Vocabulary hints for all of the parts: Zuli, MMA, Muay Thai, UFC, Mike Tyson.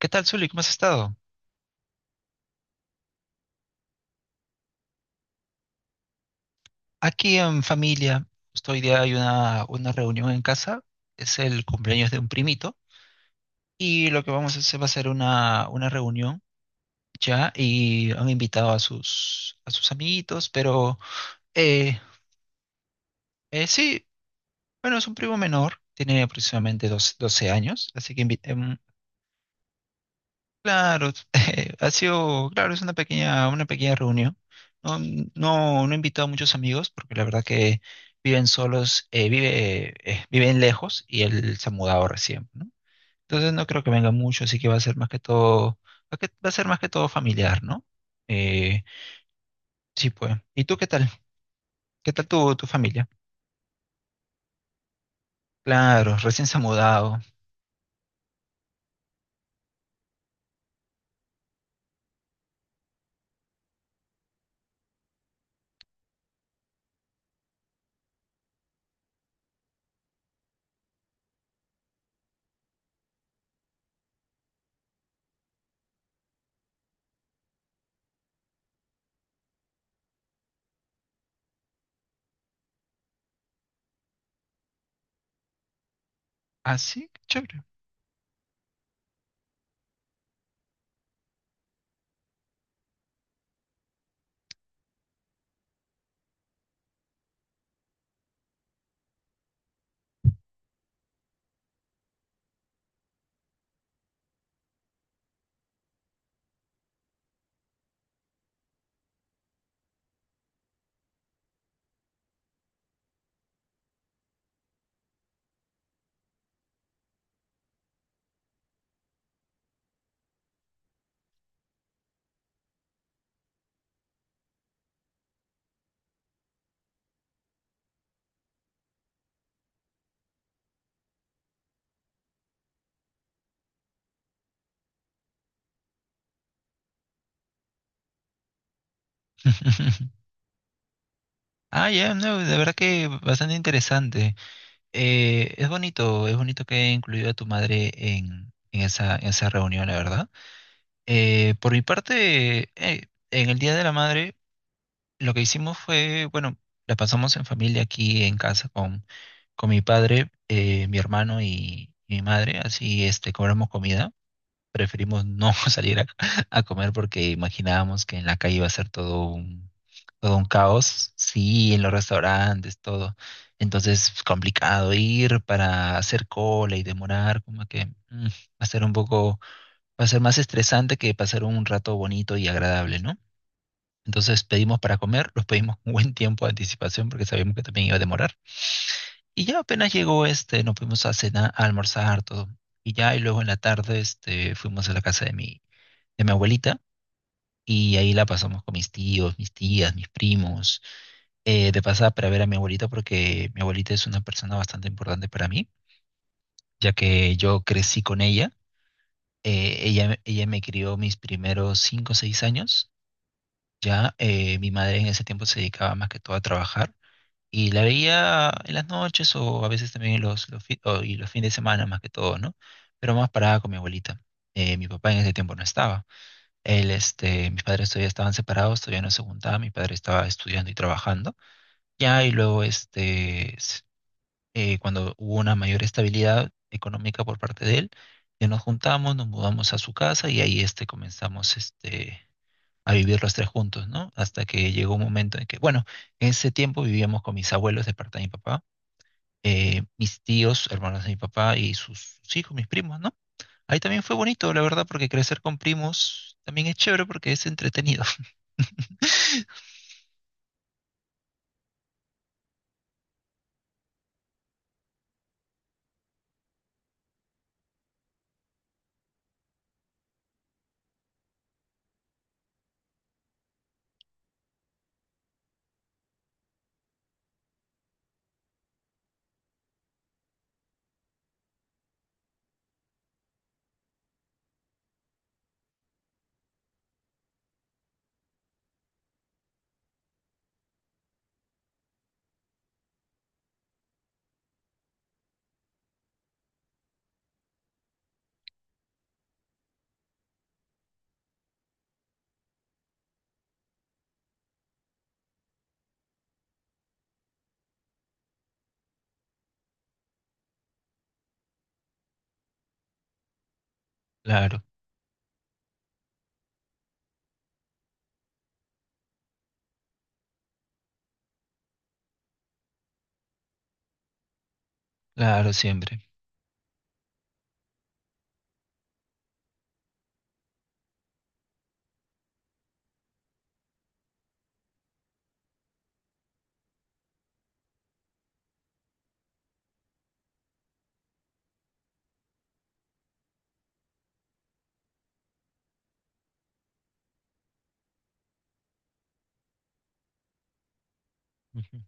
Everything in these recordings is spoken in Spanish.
¿Qué tal, Zuli? ¿Cómo has estado? Aquí en familia, justo hoy día hay una reunión en casa, es el cumpleaños de un primito, y lo que vamos a hacer va a ser una reunión ya, y han invitado a sus amiguitos, pero eh, sí, bueno, es un primo menor, tiene aproximadamente 12, 12 años, así que claro, ha sido, claro, es una pequeña reunión. No, no, no he invitado a muchos amigos porque la verdad que viven solos, vive, viven lejos y él se ha mudado recién, ¿no? Entonces no creo que venga mucho, así que va a ser más que todo, va a ser más que todo familiar, ¿no? Eh, sí, pues. ¿Y tú qué tal? ¿Qué tal tu familia? Claro, recién se ha mudado. Ah, sí, qué chévere. Ah, ya, no, de verdad que bastante interesante. Es bonito, es bonito que haya incluido a tu madre en esa reunión, la verdad. Por mi parte, en el Día de la Madre, lo que hicimos fue, bueno, la pasamos en familia aquí en casa con mi padre, mi hermano y mi madre, así este, cobramos comida preferimos no salir a comer porque imaginábamos que en la calle iba a ser todo un caos, sí, en los restaurantes, todo. Entonces, es complicado ir para hacer cola y demorar, como que va a ser un poco, va a ser más estresante que pasar un rato bonito y agradable, ¿no? Entonces pedimos para comer, los pedimos con buen tiempo de anticipación porque sabíamos que también iba a demorar. Y ya apenas llegó este, nos fuimos a cenar, a almorzar, todo. Y ya, y luego en la tarde, este, fuimos a la casa de mi abuelita y ahí la pasamos con mis tíos, mis tías, mis primos. De pasada para ver a mi abuelita porque mi abuelita es una persona bastante importante para mí, ya que yo crecí con ella. Ella me crió mis primeros cinco o seis años. Ya mi madre en ese tiempo se dedicaba más que todo a trabajar y la veía en las noches o a veces también en los, los fines de semana más que todo, ¿no? Pero más parada con mi abuelita. Mi papá en ese tiempo no estaba. Él, este, mis padres todavía estaban separados, todavía no se juntaban, mi padre estaba estudiando y trabajando. Ya, y luego, este, cuando hubo una mayor estabilidad económica por parte de él, ya nos juntamos, nos mudamos a su casa y ahí, este, comenzamos, este, a vivir los tres juntos, ¿no? Hasta que llegó un momento en que, bueno, en ese tiempo vivíamos con mis abuelos de parte de mi papá, mis tíos, hermanos de mi papá y sus hijos, mis primos, ¿no? Ahí también fue bonito, la verdad, porque crecer con primos también es chévere porque es entretenido. Claro, claro, siempre. Ujú.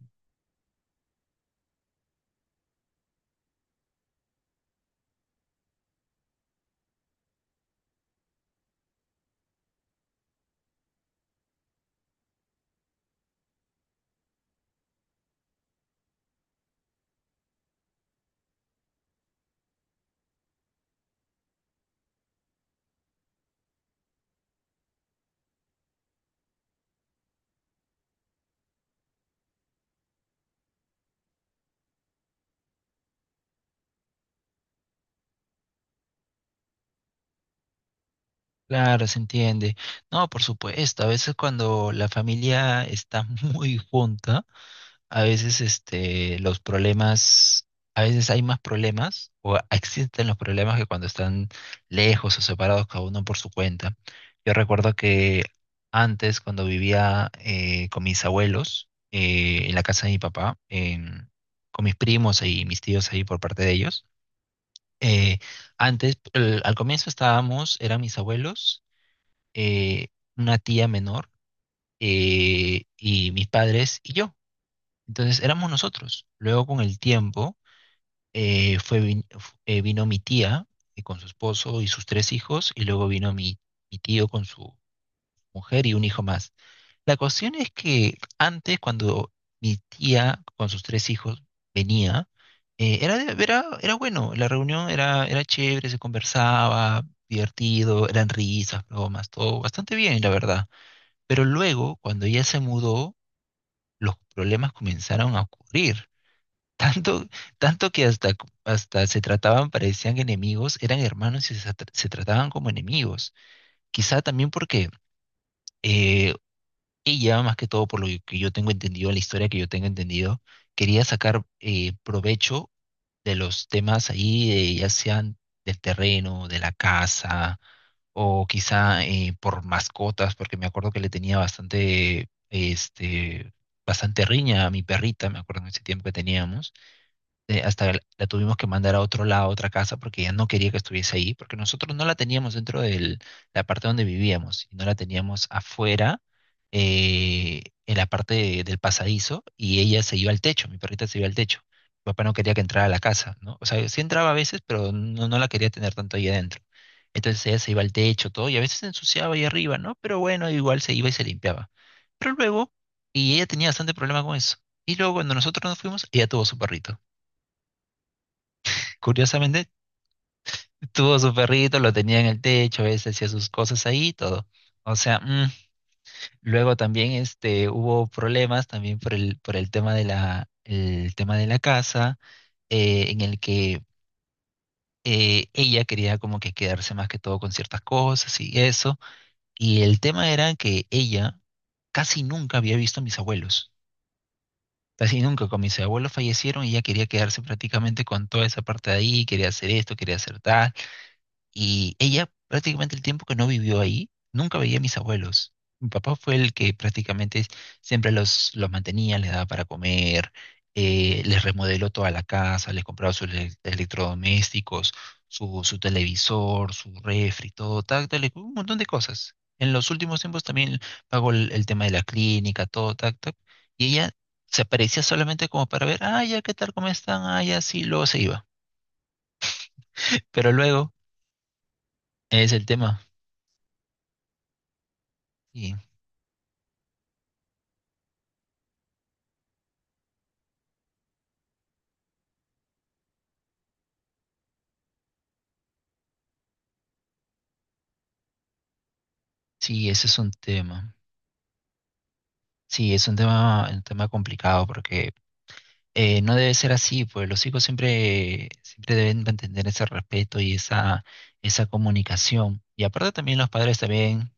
Claro, se entiende. No, por supuesto, a veces cuando la familia está muy junta, a veces este, los problemas, a veces hay más problemas o existen los problemas que cuando están lejos o separados cada uno por su cuenta. Yo recuerdo que antes, cuando vivía con mis abuelos, en la casa de mi papá, con mis primos y mis tíos ahí por parte de ellos, Eh, antes, al comienzo estábamos, eran mis abuelos, eh, una tía menor y mis padres y yo. Entonces éramos nosotros. Luego con el tiempo fue, vino mi tía con su esposo y sus tres hijos y luego vino mi, mi tío con su mujer y un hijo más. La cuestión es que antes, cuando mi tía con sus tres hijos venía, era, era, era bueno, la reunión era, era chévere, se conversaba, divertido, eran risas, bromas, todo bastante bien, la verdad. Pero luego, cuando ella se mudó, los problemas comenzaron a ocurrir. Tanto, tanto que hasta, hasta se trataban, parecían enemigos, eran hermanos y se trataban como enemigos. Quizá también porque eh, ella, más que todo por lo que yo tengo entendido, la historia que yo tengo entendido, quería sacar provecho de los temas ahí, ya sean del terreno, de la casa, o quizá por mascotas, porque me acuerdo que le tenía bastante, este, bastante riña a mi perrita, me acuerdo en ese tiempo que teníamos hasta la tuvimos que mandar a otro lado, a otra casa, porque ella no quería que estuviese ahí, porque nosotros no la teníamos dentro de la parte donde vivíamos, y no la teníamos afuera, en la parte del pasadizo, y ella se iba al techo, mi perrita se iba al techo. Mi papá no quería que entrara a la casa, ¿no? O sea, sí entraba a veces, pero no, no la quería tener tanto ahí adentro. Entonces ella se iba al techo, todo, y a veces se ensuciaba ahí arriba, ¿no? Pero bueno, igual se iba y se limpiaba. Pero luego, y ella tenía bastante problema con eso. Y luego cuando nosotros nos fuimos, ella tuvo su perrito. Curiosamente, tuvo su perrito, lo tenía en el techo, ese hacía sus cosas ahí y todo. O sea, luego también este, hubo problemas también por el tema de la, el tema de la casa, en el que ella quería como que quedarse más que todo con ciertas cosas y eso. Y el tema era que ella casi nunca había visto a mis abuelos. Casi nunca, con mis abuelos fallecieron y ella quería quedarse prácticamente con toda esa parte de ahí, quería hacer esto, quería hacer tal. Y ella prácticamente el tiempo que no vivió ahí, nunca veía a mis abuelos. Mi papá fue el que prácticamente siempre los mantenía, les daba para comer, les remodeló toda la casa, les compraba sus electrodomésticos, su televisor, su refri, todo, tal, tal, un montón de cosas. En los últimos tiempos también pagó el tema de la clínica, todo, tac, tac. Y ella se aparecía solamente como para ver, ah, ya, ¿qué tal? ¿Cómo están? Ah, ya, sí, luego se iba. Pero luego es el tema. Y sí, ese es un tema. Sí, es un tema complicado porque no debe ser así, pues los hijos siempre, siempre deben mantener ese respeto y esa comunicación. Y aparte también los padres también,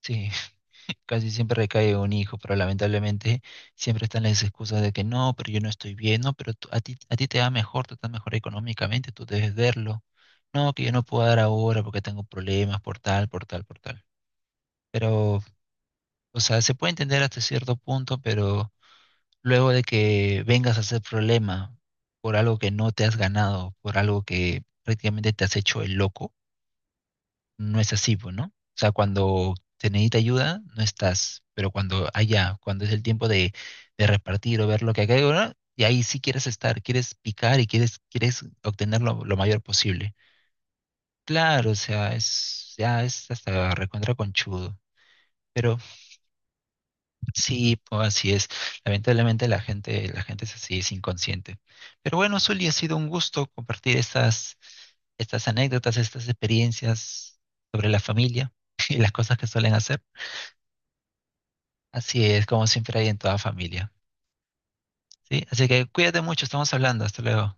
sí, casi siempre recae un hijo, pero lamentablemente siempre están las excusas de que no, pero yo no estoy bien, no, pero tú- a ti te va mejor, tú estás mejor económicamente, tú debes verlo. No, que yo no puedo dar ahora porque tengo problemas por tal, por tal, por tal. Pero, o sea, se puede entender hasta cierto punto, pero luego de que vengas a hacer problema por algo que no te has ganado, por algo que prácticamente te has hecho el loco, no es así, pues, ¿no? O sea, cuando te necesita ayuda, no estás, pero cuando allá, cuando es el tiempo de repartir o ver lo que hay, ¿verdad? Y ahí sí quieres estar, quieres picar y quieres, quieres obtener lo mayor posible. Claro, o sea, es, ya es hasta recontra conchudo, pero sí, pues así es. Lamentablemente la gente es así, es inconsciente. Pero bueno, Zuli, ha sido un gusto compartir estas, estas anécdotas, estas experiencias sobre la familia y las cosas que suelen hacer. Así es, como siempre hay en toda familia. ¿Sí? Así que cuídate mucho, estamos hablando. Hasta luego.